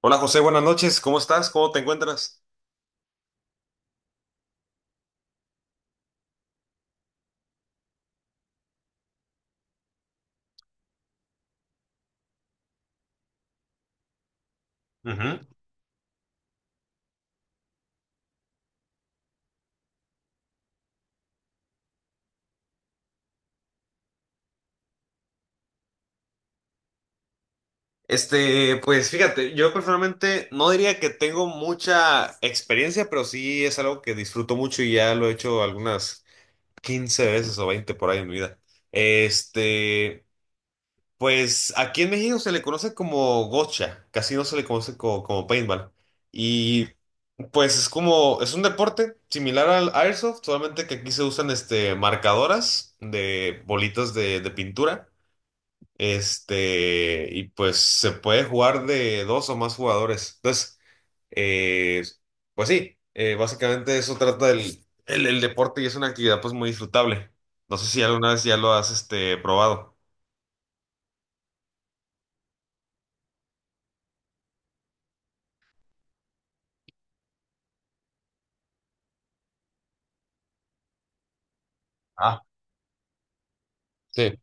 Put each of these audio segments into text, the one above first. Hola José, buenas noches, ¿cómo estás? ¿Cómo te encuentras? Ujú. Pues fíjate, yo personalmente no diría que tengo mucha experiencia, pero sí es algo que disfruto mucho y ya lo he hecho algunas 15 veces o 20 por ahí en mi vida. Este, pues aquí en México se le conoce como gocha, casi no se le conoce como, paintball. Y pues es un deporte similar al airsoft, solamente que aquí se usan marcadoras de bolitas de pintura. Y pues se puede jugar de dos o más jugadores. Entonces, eh, pues sí, básicamente eso trata el deporte y es una actividad pues muy disfrutable. No sé si alguna vez ya lo has probado. Ah, sí.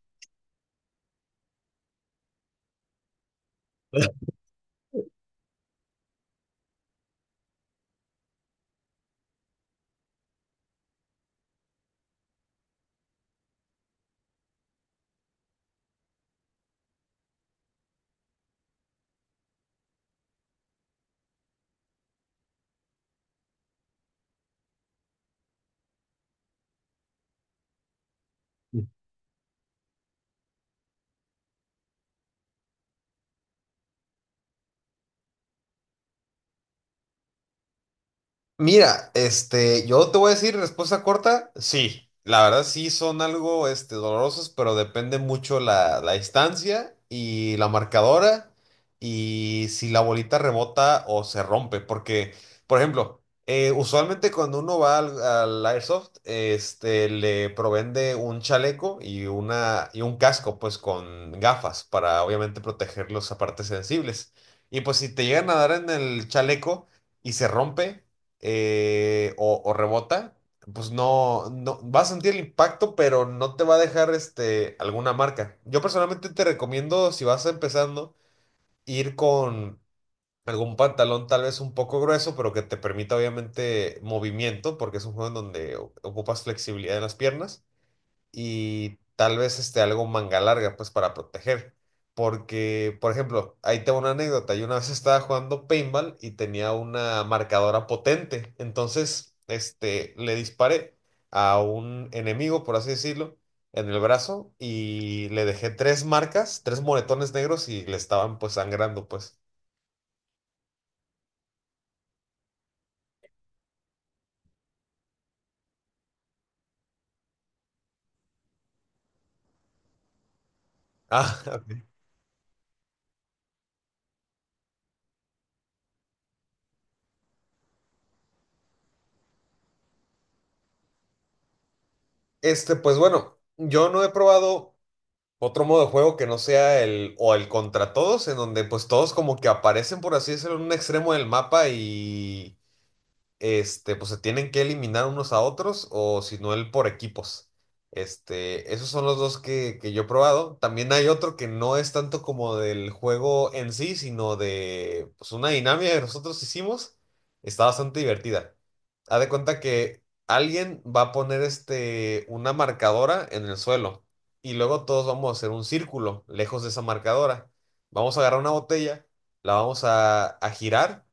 Mira, yo te voy a decir respuesta corta, sí, la verdad sí son algo, dolorosos, pero depende mucho la distancia y la marcadora y si la bolita rebota o se rompe, porque, por ejemplo, usualmente cuando uno va al Airsoft, le proveen de un chaleco y y un casco, pues, con gafas para, obviamente, proteger las partes sensibles. Y pues si te llegan a dar en el chaleco y se rompe o rebota, pues no, no vas a sentir el impacto, pero no te va a dejar alguna marca. Yo personalmente te recomiendo, si vas empezando, ir con algún pantalón tal vez un poco grueso, pero que te permita obviamente movimiento, porque es un juego en donde ocupas flexibilidad en las piernas y tal vez algo manga larga, pues para proteger. Porque, por ejemplo, ahí tengo una anécdota. Yo una vez estaba jugando paintball y tenía una marcadora potente. Entonces, le disparé a un enemigo, por así decirlo, en el brazo y le dejé tres marcas, tres moretones negros y le estaban pues sangrando, pues. Ah, ok. Pues bueno, yo no he probado otro modo de juego que no sea el o el contra todos, en donde pues todos como que aparecen, por así decirlo, en un extremo del mapa y pues se tienen que eliminar unos a otros o si no, el por equipos. Esos son los dos que yo he probado. También hay otro que no es tanto como del juego en sí, sino de pues, una dinámica que nosotros hicimos. Está bastante divertida. Haz de cuenta que alguien va a poner una marcadora en el suelo y luego todos vamos a hacer un círculo lejos de esa marcadora. Vamos a agarrar una botella, la vamos a girar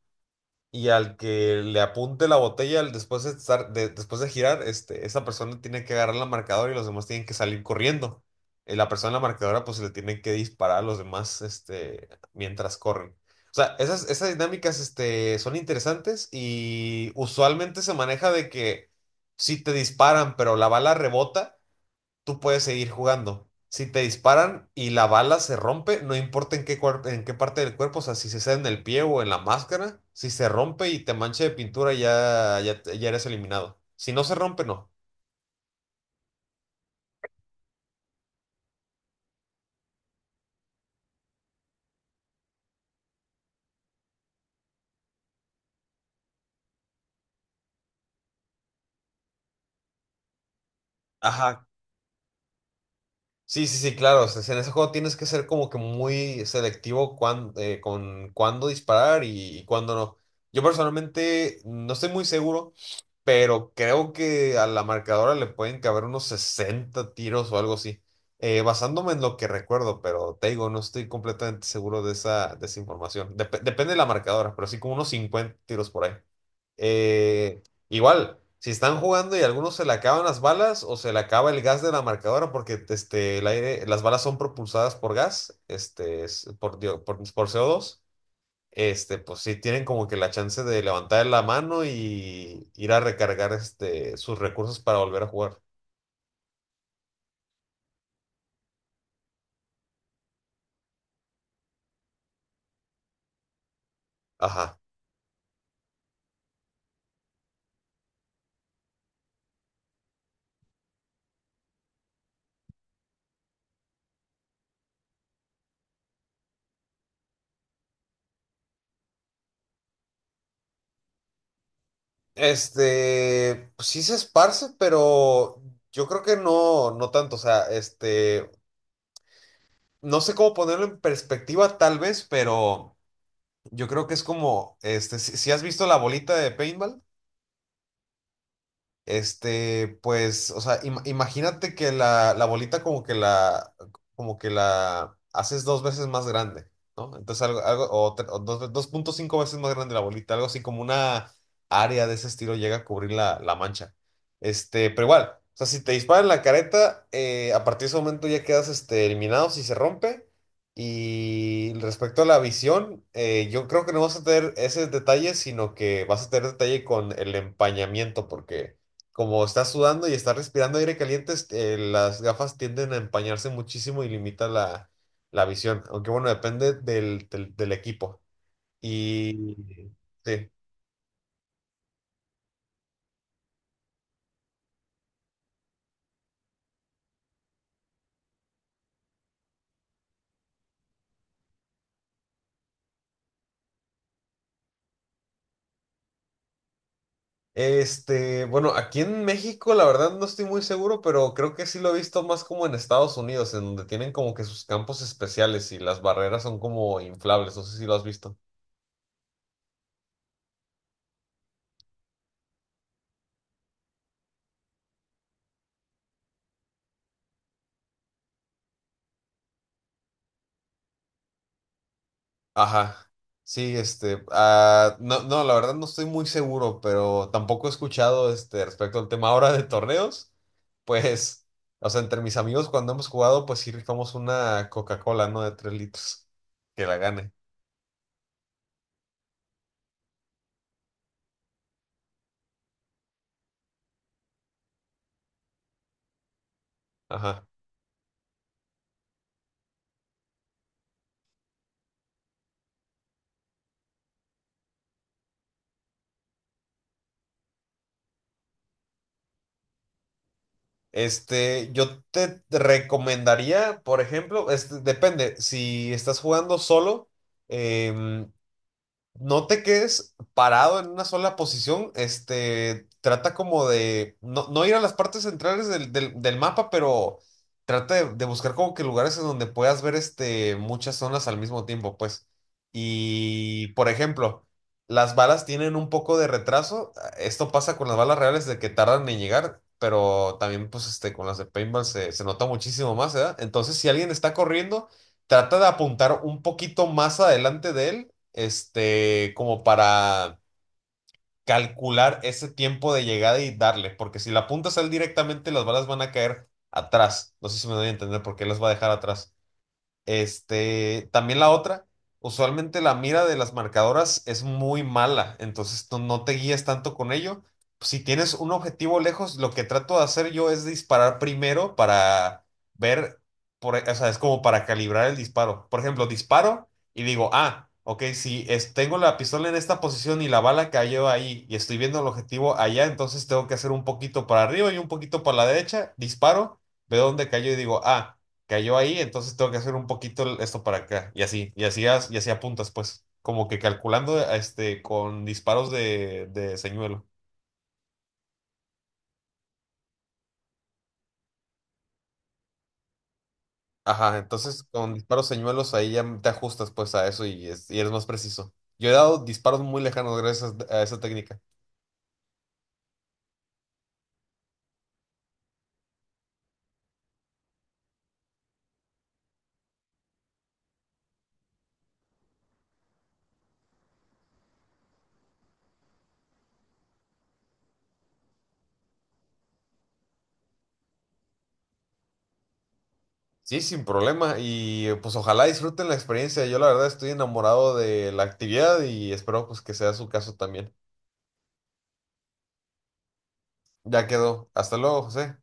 y al que le apunte la botella después de estar, después de girar, esa persona tiene que agarrar la marcadora y los demás tienen que salir corriendo. La persona en la marcadora pues le tiene que disparar a los demás mientras corren. O sea, esas dinámicas son interesantes y usualmente se maneja de que si te disparan, pero la bala rebota, tú puedes seguir jugando. Si te disparan y la bala se rompe, no importa en qué parte del cuerpo, o sea, si se sale en el pie o en la máscara, si se rompe y te mancha de pintura, ya, ya, ya eres eliminado. Si no se rompe, no. Ajá, sí, sí, sí, claro. O sea, en ese juego tienes que ser como que muy selectivo con cuándo disparar y cuándo no. Yo personalmente no estoy muy seguro, pero creo que a la marcadora le pueden caber unos 60 tiros o algo así. Basándome en lo que recuerdo, pero te digo, no estoy completamente seguro de esa información. Depende de la marcadora, pero sí como unos 50 tiros por ahí. Eh, Igual, si están jugando y a algunos se le acaban las balas o se le acaba el gas de la marcadora porque el aire, las balas son propulsadas por gas, por co dos, pues sí tienen como que la chance de levantar la mano y ir a recargar sus recursos para volver a jugar. Ajá. Pues sí se esparce, pero yo creo que no, no tanto. O sea, no sé cómo ponerlo en perspectiva tal vez, pero... Yo creo que es como, si has visto la bolita de paintball, pues, o sea, imagínate que la bolita como que la, haces dos veces más grande, ¿no? Entonces o, tre- o dos- 2.5 veces más grande la bolita, algo así como una área de ese estilo llega a cubrir la mancha. Pero igual, o sea, si te disparan en la careta, a partir de ese momento ya quedas, eliminado si se rompe. Y respecto a la visión, yo creo que no vas a tener ese detalle, sino que vas a tener detalle con el empañamiento, porque como estás sudando y estás respirando aire caliente, las gafas tienden a empañarse muchísimo y limita la visión. Aunque bueno, depende del equipo. Y sí. Bueno, aquí en México, la verdad no estoy muy seguro, pero creo que sí lo he visto más como en Estados Unidos, en donde tienen como que sus campos especiales y las barreras son como inflables. No sé si lo has visto. Ajá. Sí, ah, no, no, la verdad no estoy muy seguro, pero tampoco he escuchado respecto al tema ahora de torneos. Pues, o sea, entre mis amigos cuando hemos jugado, pues sí rifamos una Coca-Cola, ¿no? De 3 litros. Que la gane. Ajá. Yo te recomendaría, por ejemplo, depende, si estás jugando solo, em, no te quedes parado en una sola posición, trata como de no, no ir a las partes centrales del mapa, pero trata de buscar como que lugares en donde puedas ver muchas zonas al mismo tiempo, pues. Y, por ejemplo, las balas tienen un poco de retraso, esto pasa con las balas reales de que tardan en llegar, pero también pues con las de paintball se nota muchísimo más, ¿verdad? Entonces, si alguien está corriendo, trata de apuntar un poquito más adelante de él, como para calcular ese tiempo de llegada y darle, porque si la apuntas a él directamente, las balas van a caer atrás. No sé si me doy a entender por qué las va a dejar atrás. También la otra, usualmente la mira de las marcadoras es muy mala, entonces no, no te guíes tanto con ello. Si tienes un objetivo lejos, lo que trato de hacer yo es disparar primero para ver, o sea, es como para calibrar el disparo. Por ejemplo, disparo y digo, ah, ok, si es- tengo la pistola en esta posición y la bala cayó ahí y estoy viendo el objetivo allá, entonces tengo que hacer un poquito para arriba y un poquito para la derecha, disparo, veo dónde cayó y digo, ah, cayó ahí, entonces tengo que hacer un poquito esto para acá, y así, y así, y así apuntas, pues, como que calculando con disparos de señuelo. Ajá, entonces con disparos señuelos ahí ya te ajustas pues a eso y eres más preciso. Yo he dado disparos muy lejanos gracias a esa técnica. Sí, sin problema, y pues ojalá disfruten la experiencia. Yo la verdad estoy enamorado de la actividad y espero pues que sea su caso también. Ya quedó. Hasta luego, José.